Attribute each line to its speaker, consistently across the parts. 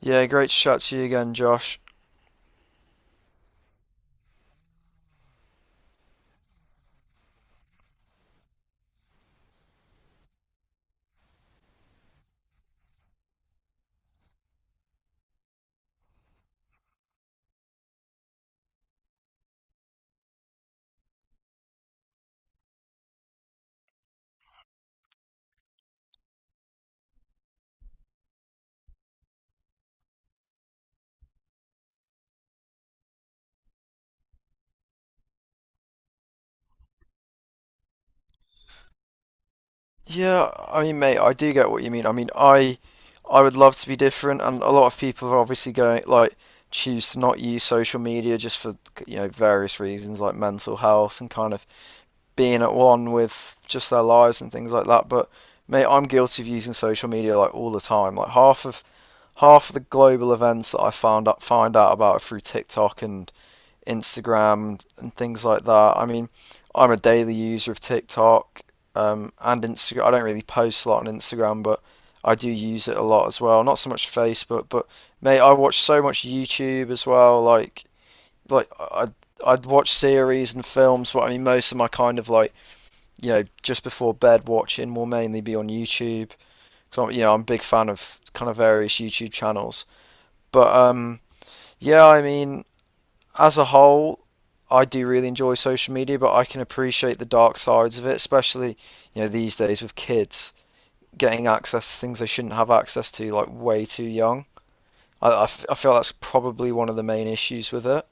Speaker 1: Yeah, great to chat to you again, Josh. Yeah, I mean, mate, I do get what you mean. I mean, I would love to be different, and a lot of people are obviously going like choose to not use social media just for various reasons like mental health and kind of being at one with just their lives and things like that. But mate, I'm guilty of using social media like all the time. Like half of the global events that I found out find out about are through TikTok and Instagram and things like that. I mean, I'm a daily user of TikTok and Instagram. I don't really post a lot on Instagram, but I do use it a lot as well. Not so much Facebook, but mate, I watch so much YouTube as well. Like, I'd watch series and films, but I mean, most of my kind of like just before bed watching will mainly be on YouTube. So I'm a big fan of kind of various YouTube channels. But yeah, I mean, as a whole, I do really enjoy social media, but I can appreciate the dark sides of it, especially these days with kids getting access to things they shouldn't have access to, like way too young. I feel that's probably one of the main issues with it.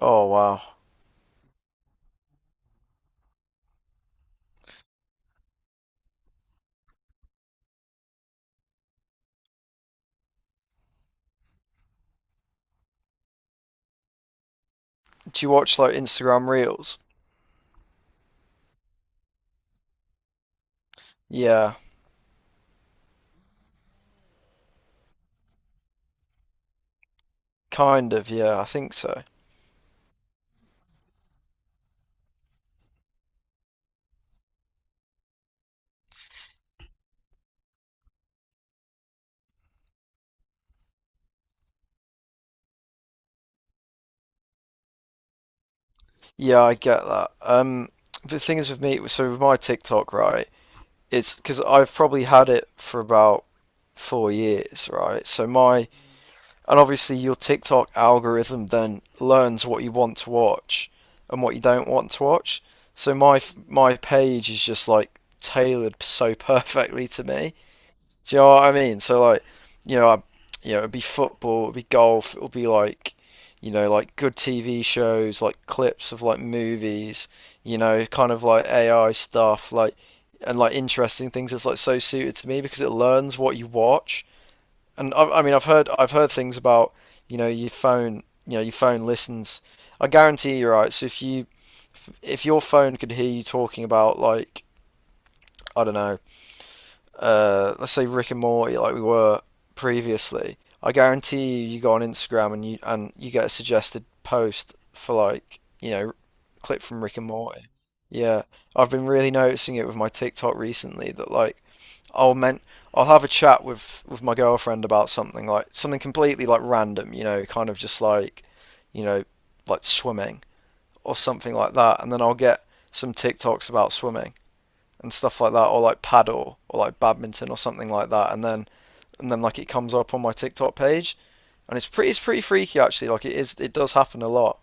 Speaker 1: Oh, wow. Do you watch like Instagram Reels? Yeah, kind of, yeah, I think so. Yeah, I get that. The thing is with me, so with my TikTok, right, it's because I've probably had it for about 4 years, right? So my And obviously, your TikTok algorithm then learns what you want to watch and what you don't want to watch. So my page is just like tailored so perfectly to me. Do you know what I mean? So like, you know, I, it'd be football, it'd be golf, it'll be like, like good TV shows, like clips of like movies, kind of like AI stuff, like and like interesting things. It's like so suited to me because it learns what you watch. And I mean, I've heard things about your phone, your phone listens. I guarantee you're right. So if your phone could hear you talking about like I don't know let's say Rick and Morty, like we were previously, I guarantee you, you go on Instagram and you get a suggested post for like, clip from Rick and Morty. Yeah, I've been really noticing it with my TikTok recently that like I'll meant I'll have a chat with my girlfriend about something like something completely like random, kind of just like, you know, like swimming or something like that, and then I'll get some TikToks about swimming and stuff like that, or like paddle or like badminton or something like that, and then like it comes up on my TikTok page, and it's pretty freaky actually. Like it does happen a lot.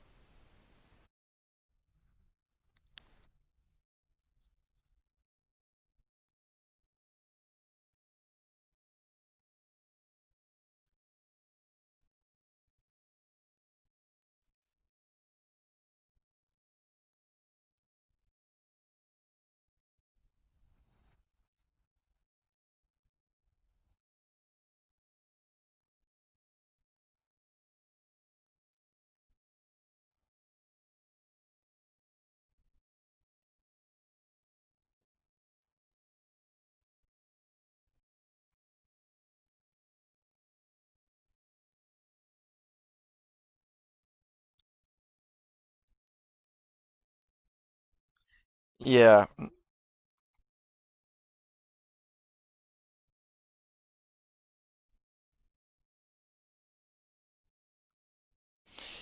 Speaker 1: Yeah,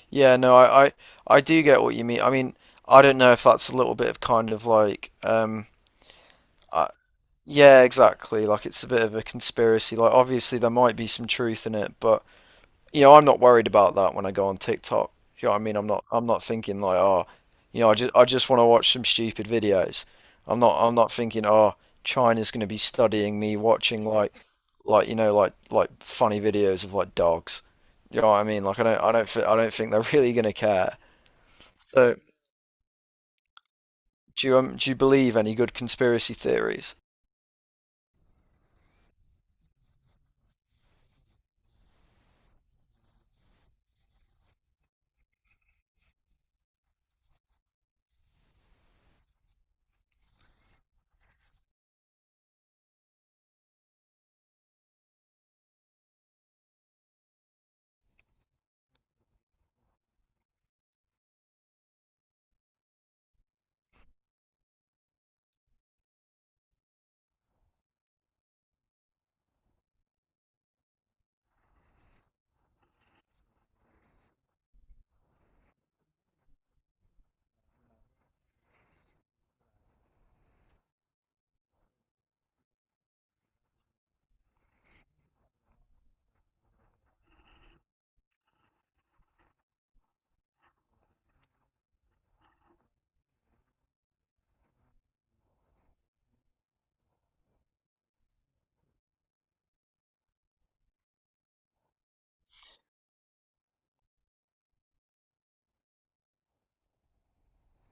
Speaker 1: yeah, no, I do get what you mean. I mean, I don't know if that's a little bit of kind of like I, yeah, exactly. Like it's a bit of a conspiracy. Like obviously there might be some truth in it, but I'm not worried about that when I go on TikTok. You know what I mean? I'm not thinking like, oh, I just want to watch some stupid videos. I'm not thinking, oh, China's going to be studying me watching like like funny videos of like dogs. You know what I mean? Like I don't think they're really going to care. So, do you believe any good conspiracy theories?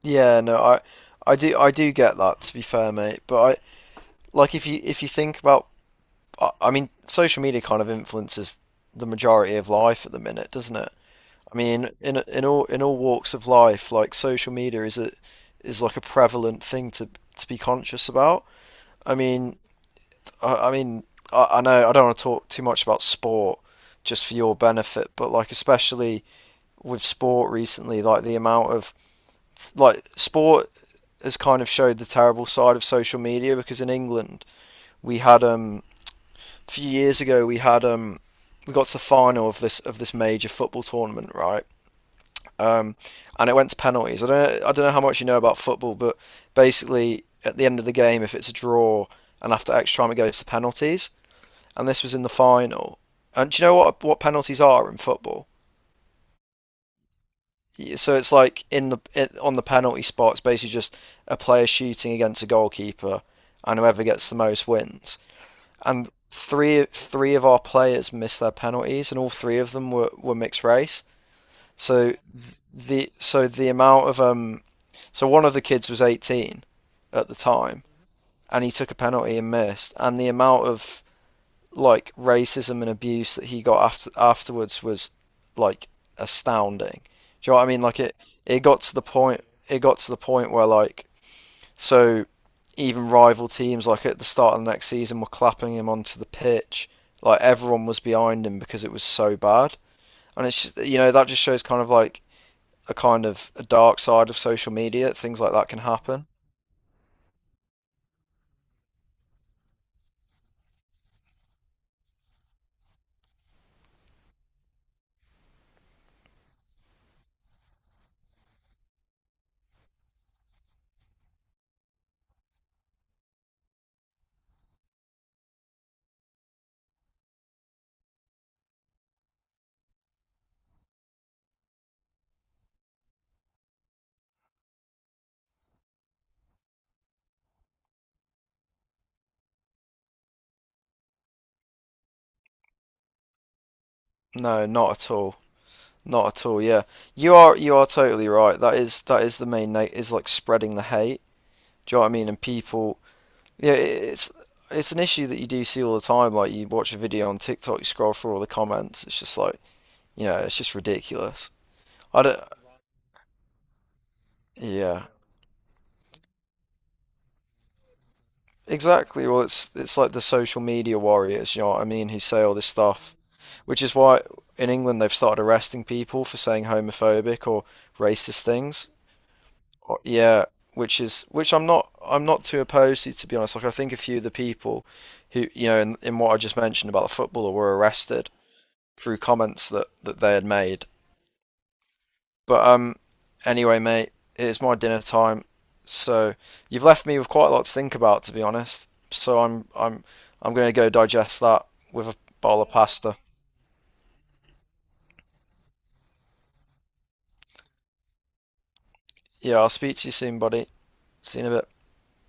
Speaker 1: Yeah, no, I do get that to be fair, mate. But I Like if you think about mean, social media kind of influences the majority of life at the minute, doesn't it? I mean, in all walks of life, like social media is like a prevalent thing to be conscious about. I mean, I, I mean, I know I don't want to talk too much about sport just for your benefit, but like especially with sport recently, like the amount of like sport has kind of showed the terrible side of social media because in England we had a few years ago we got to the final of this major football tournament, right? Um, and it went to penalties. I don't know how much you know about football, but basically at the end of the game, if it's a draw and after extra time it goes to penalties, and this was in the final. And do you know what penalties are in football? Yeah, so it's like in the it, on the penalty spot, it's basically just a player shooting against a goalkeeper, and whoever gets the most wins. And three of our players missed their penalties, and all three of them were mixed race. So the so the amount of um, so one of the kids was 18 at the time, and he took a penalty and missed, and the amount of like racism and abuse that he got afterwards was like astounding. Do you know what I mean? Like it got to the point where like so even rival teams, like at the start of the next season, were clapping him onto the pitch. Like everyone was behind him because it was so bad. And it's just, that just shows kind of like a kind of a dark side of social media. Things like that can happen. No, not at all. Not at all. Yeah, you are totally right. That is the main note is like spreading the hate. Do you know what I mean? And people, yeah, it's an issue that you do see all the time. Like you watch a video on TikTok, you scroll through all the comments. It's just like it's just ridiculous. I don't, yeah, exactly. Well, it's like the social media warriors, you know what I mean, who say all this stuff, which is why in England they've started arresting people for saying homophobic or racist things. Or, yeah, which I'm not too opposed to be honest. Like I think a few of the people who, in what I just mentioned about the footballer were arrested through comments that they had made. But anyway, mate, it's my dinner time, so you've left me with quite a lot to think about, to be honest. So I'm gonna go digest that with a bowl of pasta. Yeah, I'll speak to you soon, buddy. See you in a bit.